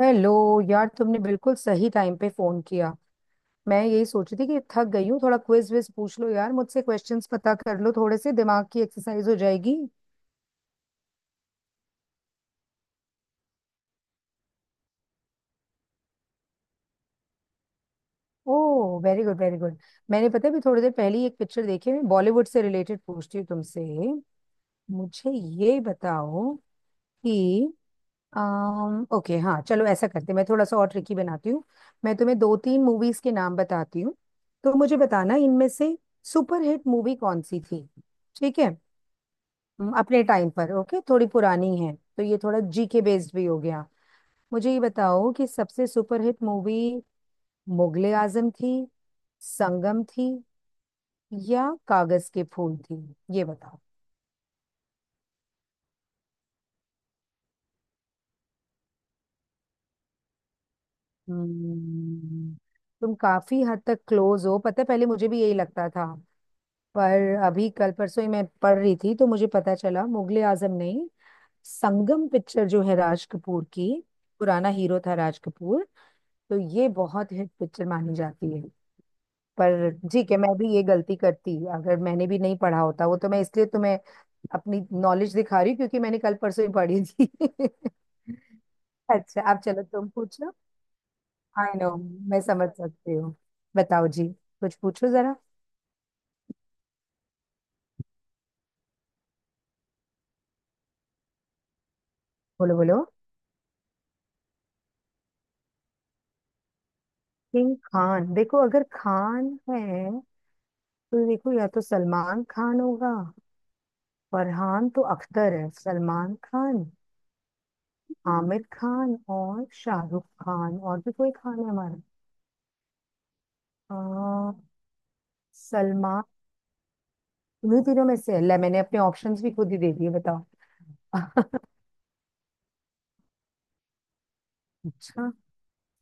Hello यार, तुमने बिल्कुल सही टाइम पे फोन किया। मैं यही सोच रही थी कि थक गई हूँ, थोड़ा क्विज विज पूछ लो यार मुझसे, क्वेश्चंस पता कर लो, थोड़े से दिमाग की एक्सरसाइज हो जाएगी। Oh, very good very good. मैंने पता है भी थोड़ी देर पहले ही एक पिक्चर देखी है। मैं बॉलीवुड से रिलेटेड पूछती हूँ तुमसे। मुझे ये बताओ कि अम ओके, हाँ चलो ऐसा करते हैं, मैं थोड़ा सा और ट्रिकी बनाती हूँ। मैं तुम्हें दो तीन मूवीज के नाम बताती हूँ, तो मुझे बताना इनमें से सुपरहिट मूवी कौन सी थी। ठीक है। अपने टाइम पर ओके, थोड़ी पुरानी है तो ये थोड़ा जीके बेस्ड भी हो गया। मुझे ये बताओ कि सबसे सुपरहिट मूवी मुगले आजम थी, संगम थी, या कागज के फूल थी। ये बताओ। हम्म। तुम काफी हद तक क्लोज हो, पता है पहले मुझे भी यही लगता था। पर अभी कल परसों ही मैं पढ़ रही थी तो मुझे पता चला मुगले आजम नहीं, संगम पिक्चर जो है राज कपूर की। पुराना हीरो था राज कपूर, तो ये बहुत हिट पिक्चर मानी जाती है। पर ठीक है, मैं भी ये गलती करती अगर मैंने भी नहीं पढ़ा होता वो, तो मैं इसलिए तुम्हें अपनी नॉलेज दिखा रही हूँ क्योंकि मैंने कल परसों ही पढ़ी थी। अच्छा, आप चलो तुम पूछो। आई नो, मैं समझ सकती हूँ। बताओ जी, कुछ पूछो जरा। बोलो बोलो। किंग खान, देखो अगर खान है तो देखो या तो सलमान खान होगा, फरहान तो अख्तर है, सलमान खान, आमिर खान और शाहरुख खान, और भी कोई खान है हमारा? अ, सलमान। तुम्हें तीनों में से, अल्लाह, मैंने अपने ऑप्शंस भी खुद ही दे दिए, बताओ। अच्छा,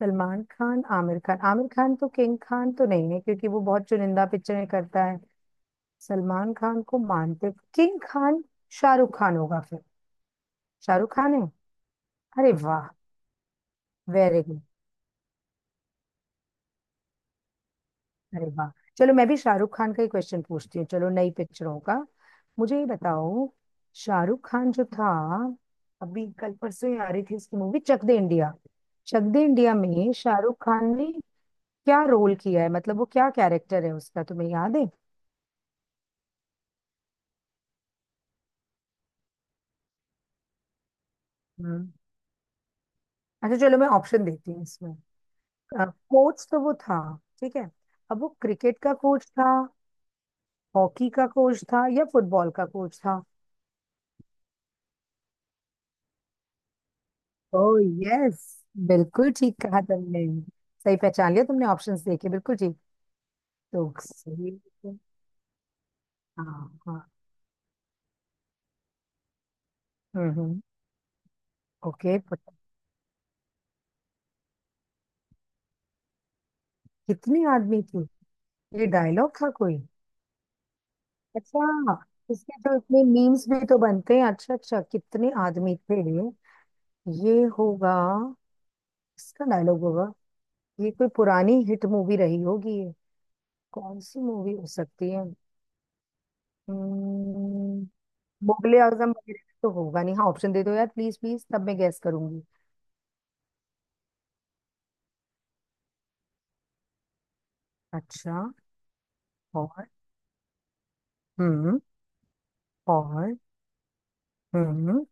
सलमान खान, आमिर खान, आमिर खान तो किंग खान तो नहीं है क्योंकि वो बहुत चुनिंदा पिक्चरें करता है। सलमान खान को मानते किंग खान? शाहरुख खान होगा फिर। शाहरुख खान है। अरे वाह, वेरी गुड। अरे वाह, चलो मैं भी शाहरुख खान का ही क्वेश्चन पूछती हूँ, चलो नई पिक्चरों का। मुझे ये बताओ, शाहरुख खान जो था, अभी कल परसों ही आ रही थी उसकी movie Chak De India. Chak De India में शाहरुख खान ने क्या रोल किया है, मतलब वो क्या कैरेक्टर है उसका, तुम्हें याद है? हम्म। अच्छा चलो, मैं ऑप्शन देती हूँ इसमें। कोच तो वो था, ठीक है, अब वो क्रिकेट का कोच था, हॉकी का कोच था, या फुटबॉल का कोच था? Oh, yes. बिल्कुल ठीक कहा तुमने, सही पहचान लिया तुमने, ऑप्शंस देखे बिल्कुल ठीक। तो सही है। हाँ हाँ। हम्म। ओके, पता। कितने आदमी थी, ये डायलॉग था कोई? अच्छा, इसके तो इतने मीम्स भी तो बनते हैं। अच्छा अच्छा, कितने आदमी थे, ये होगा, इसका डायलॉग होगा। ये कोई पुरानी हिट मूवी रही होगी ये, कौन सी मूवी हो सकती है? हम्म, मुगले आजम वगैरह तो होगा नहीं। हाँ, ऑप्शन दे दो यार, प्लीज प्लीज, तब मैं गैस करूंगी। अच्छा। और। हम्म। और। हम्म।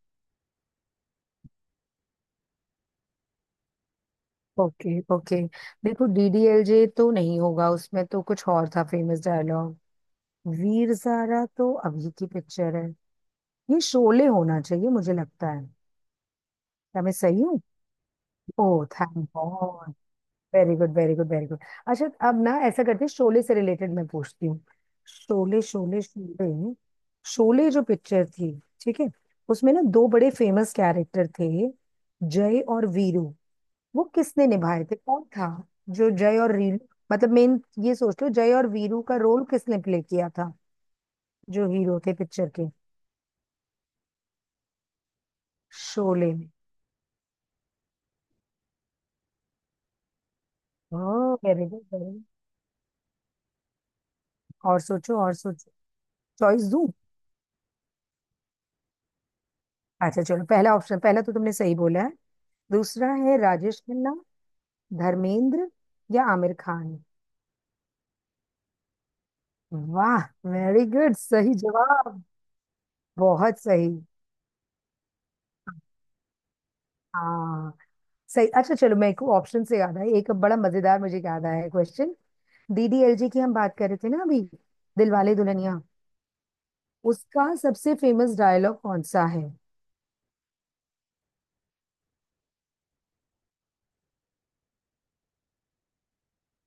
Okay okay. देखो, डीडीएलजे तो नहीं होगा, उसमें तो कुछ और था फेमस डायलॉग। वीर ज़ारा तो अभी की पिक्चर है। ये शोले होना चाहिए, मुझे लगता है। क्या मैं सही हूँ? Oh thank God. Very good very good very good. अच्छा अब ना ऐसा करते हैं, शोले से रिलेटेड मैं पूछती हूँ। शोले शोले शोले। शोले जो पिक्चर थी, ठीक है, उसमें ना दो बड़े फेमस कैरेक्टर थे, जय और वीरू, वो किसने निभाए थे, कौन था जो जय और वीरू, मतलब मेन, ये सोच लो जय और वीरू का रोल किसने प्ले किया था, जो हीरो थे पिक्चर के, शोले में? Oh, very good. और सोचो और सोचो। चॉइस दूं? अच्छा चलो, पहला ऑप्शन पहला तो तुमने सही बोला है, दूसरा है राजेश खन्ना, धर्मेंद्र, या आमिर खान। वाह, वेरी गुड, सही जवाब। बहुत सही। हाँ सही। अच्छा चलो, मैं एक ऑप्शन से याद आया, एक बड़ा मजेदार मुझे याद आया है क्वेश्चन। डीडीएलजे की हम बात कर रहे थे ना अभी, दिलवाले दुल्हनिया, उसका सबसे फेमस डायलॉग कौन सा है?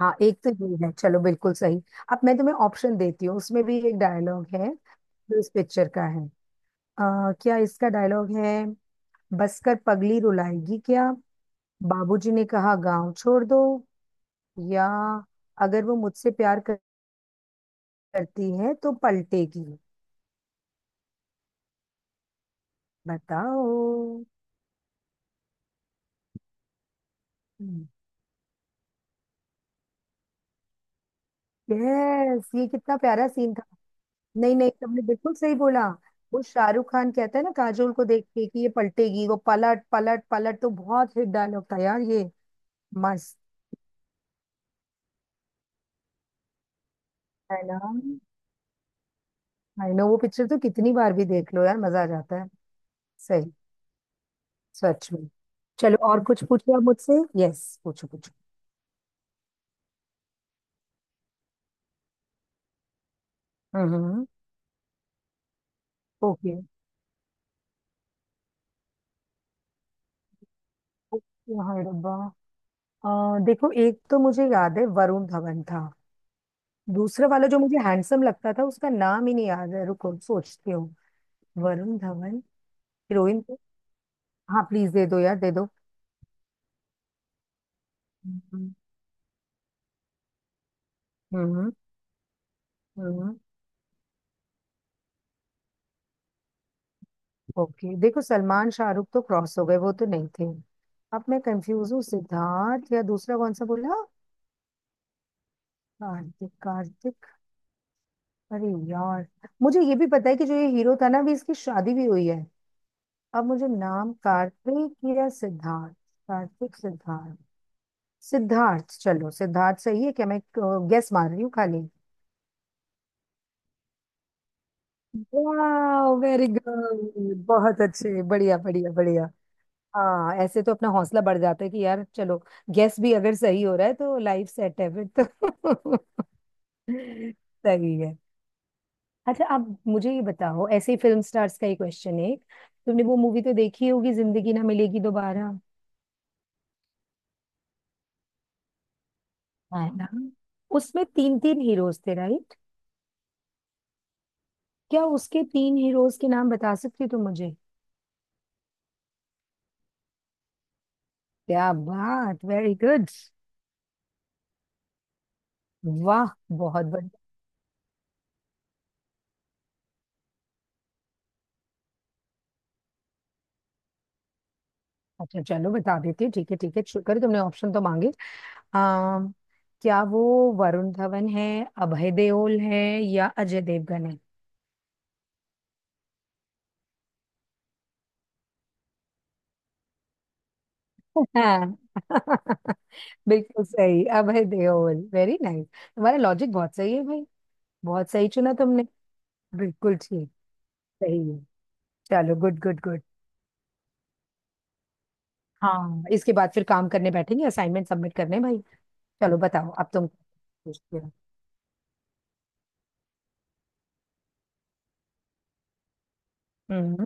हाँ एक तो ये है, चलो बिल्कुल सही। अब मैं तुम्हें ऑप्शन देती हूँ, उसमें भी एक डायलॉग है जो इस पिक्चर का है। क्या इसका डायलॉग है — बसकर पगली रुलाएगी क्या, बाबूजी ने कहा गांव छोड़ दो, या अगर वो मुझसे करती है तो पलटेगी? बताओ। यस, ये कितना प्यारा सीन था। नहीं नहीं, तुमने बिल्कुल सही बोला। वो शाहरुख खान कहता है ना काजोल को देख के कि ये पलटेगी, वो पलट पलट पलट, तो बहुत हिट डायलॉग था यार ये। मस्त। है ना। आई नो, वो पिक्चर तो कितनी बार भी देख लो यार, मजा आ जाता है। सही, सच में। चलो और कुछ पूछिए आप मुझसे। यस, पूछो पूछो। हम्म। Okay, okay हड़ब्बा। देखो, एक तो मुझे याद है वरुण धवन था, दूसरा वाला जो मुझे हैंडसम लगता था उसका नाम ही नहीं याद है, रुको सोचती हूँ। वरुण धवन। हीरोइन तो। हाँ प्लीज दे दो यार, दे दो। हम्म हम्म। हम्म, ओके, देखो सलमान शाहरुख तो क्रॉस हो गए, वो तो नहीं थे। अब मैं कंफ्यूज हूँ, सिद्धार्थ या दूसरा कौन सा बोला? कार्तिक कार्तिक। अरे यार, मुझे ये भी पता है कि जो ये हीरो था ना, अभी इसकी शादी भी हुई है। अब मुझे नाम, कार्तिक या सिद्धार्थ? कार्तिक सिद्धार्थ सिद्धार्थ, चलो सिद्धार्थ सही है क्या, मैं गेस मार रही हूँ खाली। वाह, वेरी गुड, बहुत अच्छे, बढ़िया बढ़िया बढ़िया। हाँ, ऐसे तो अपना हौसला बढ़ जाता है कि यार चलो, गेस भी अगर सही हो रहा है तो लाइफ सेट है फिर तो। सही है। अच्छा आप मुझे ये बताओ, ऐसे ही फिल्म स्टार्स का ही क्वेश्चन है। तुमने वो मूवी तो देखी होगी, जिंदगी ना मिलेगी दोबारा, है? हाँ ना। उसमें तीन तीन हीरोज थे, राइट? क्या उसके तीन हीरोज के नाम बता सकती हो तुम मुझे? क्या बात, वेरी गुड। वाह, बहुत बढ़िया। अच्छा चलो बता देती हूँ, ठीक है ठीक है, शुक्र तुमने ऑप्शन तो मांगे। आ, क्या वो वरुण धवन है, अभय देओल है, या अजय देवगन है? हाँ, बिल्कुल सही, अभय देओल, वेरी नाइस। तुम्हारा लॉजिक बहुत सही है भाई। बहुत सही चुना तुमने, बिल्कुल ठीक। सही है। चलो, गुड गुड गुड। हाँ, इसके बाद फिर काम करने बैठेंगे, असाइनमेंट सबमिट करने भाई। चलो बताओ, अब तुम पूछते हो। हम्म।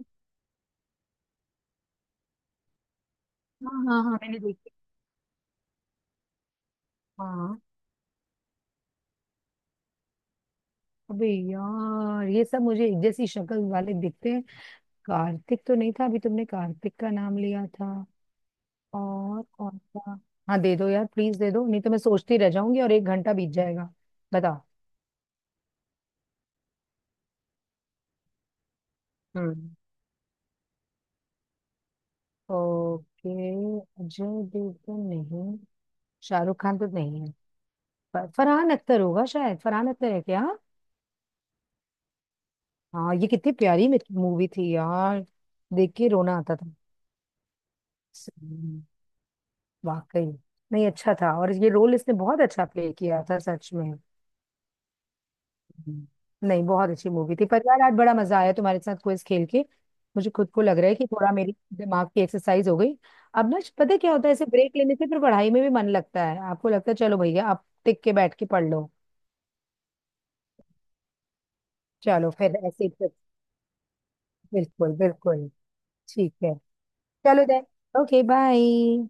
हाँ हाँ हाँ, मैंने देखी। हाँ। अबे यार, ये सब मुझे एक जैसी शक्ल वाले दिखते हैं। कार्तिक तो नहीं था, अभी तुमने कार्तिक का नाम लिया था। और कौन सा? हाँ दे दो यार, प्लीज दे दो, नहीं तो मैं सोचती रह जाऊंगी और एक घंटा बीत जाएगा। बताओ। हम्म। ओके। अजय देवगन नहीं। शाहरुख खान तो नहीं है। फरहान अख्तर होगा शायद, फरहान अख्तर है क्या? हाँ, ये कितनी प्यारी मूवी थी यार, देख के रोना आता था। सही है। वाकई। नहीं अच्छा था, और ये रोल इसने बहुत अच्छा प्ले किया था, सच में। हम्म। नहीं, बहुत अच्छी मूवी थी, पर यार आज बड़ा मजा आया तुम्हारे साथ क्विज खेल के। मुझे खुद को लग रहा है कि थोड़ा मेरी दिमाग की एक्सरसाइज हो गई। अब ना पता है क्या होता है, ऐसे ब्रेक लेने से फिर पढ़ाई में भी मन लगता है, आपको लगता है चलो भैया आप टिक के बैठ के पढ़ लो। चलो फिर ऐसे ही। बिल्कुल बिल्कुल। ठीक है। चलो देन, ओके, बाय।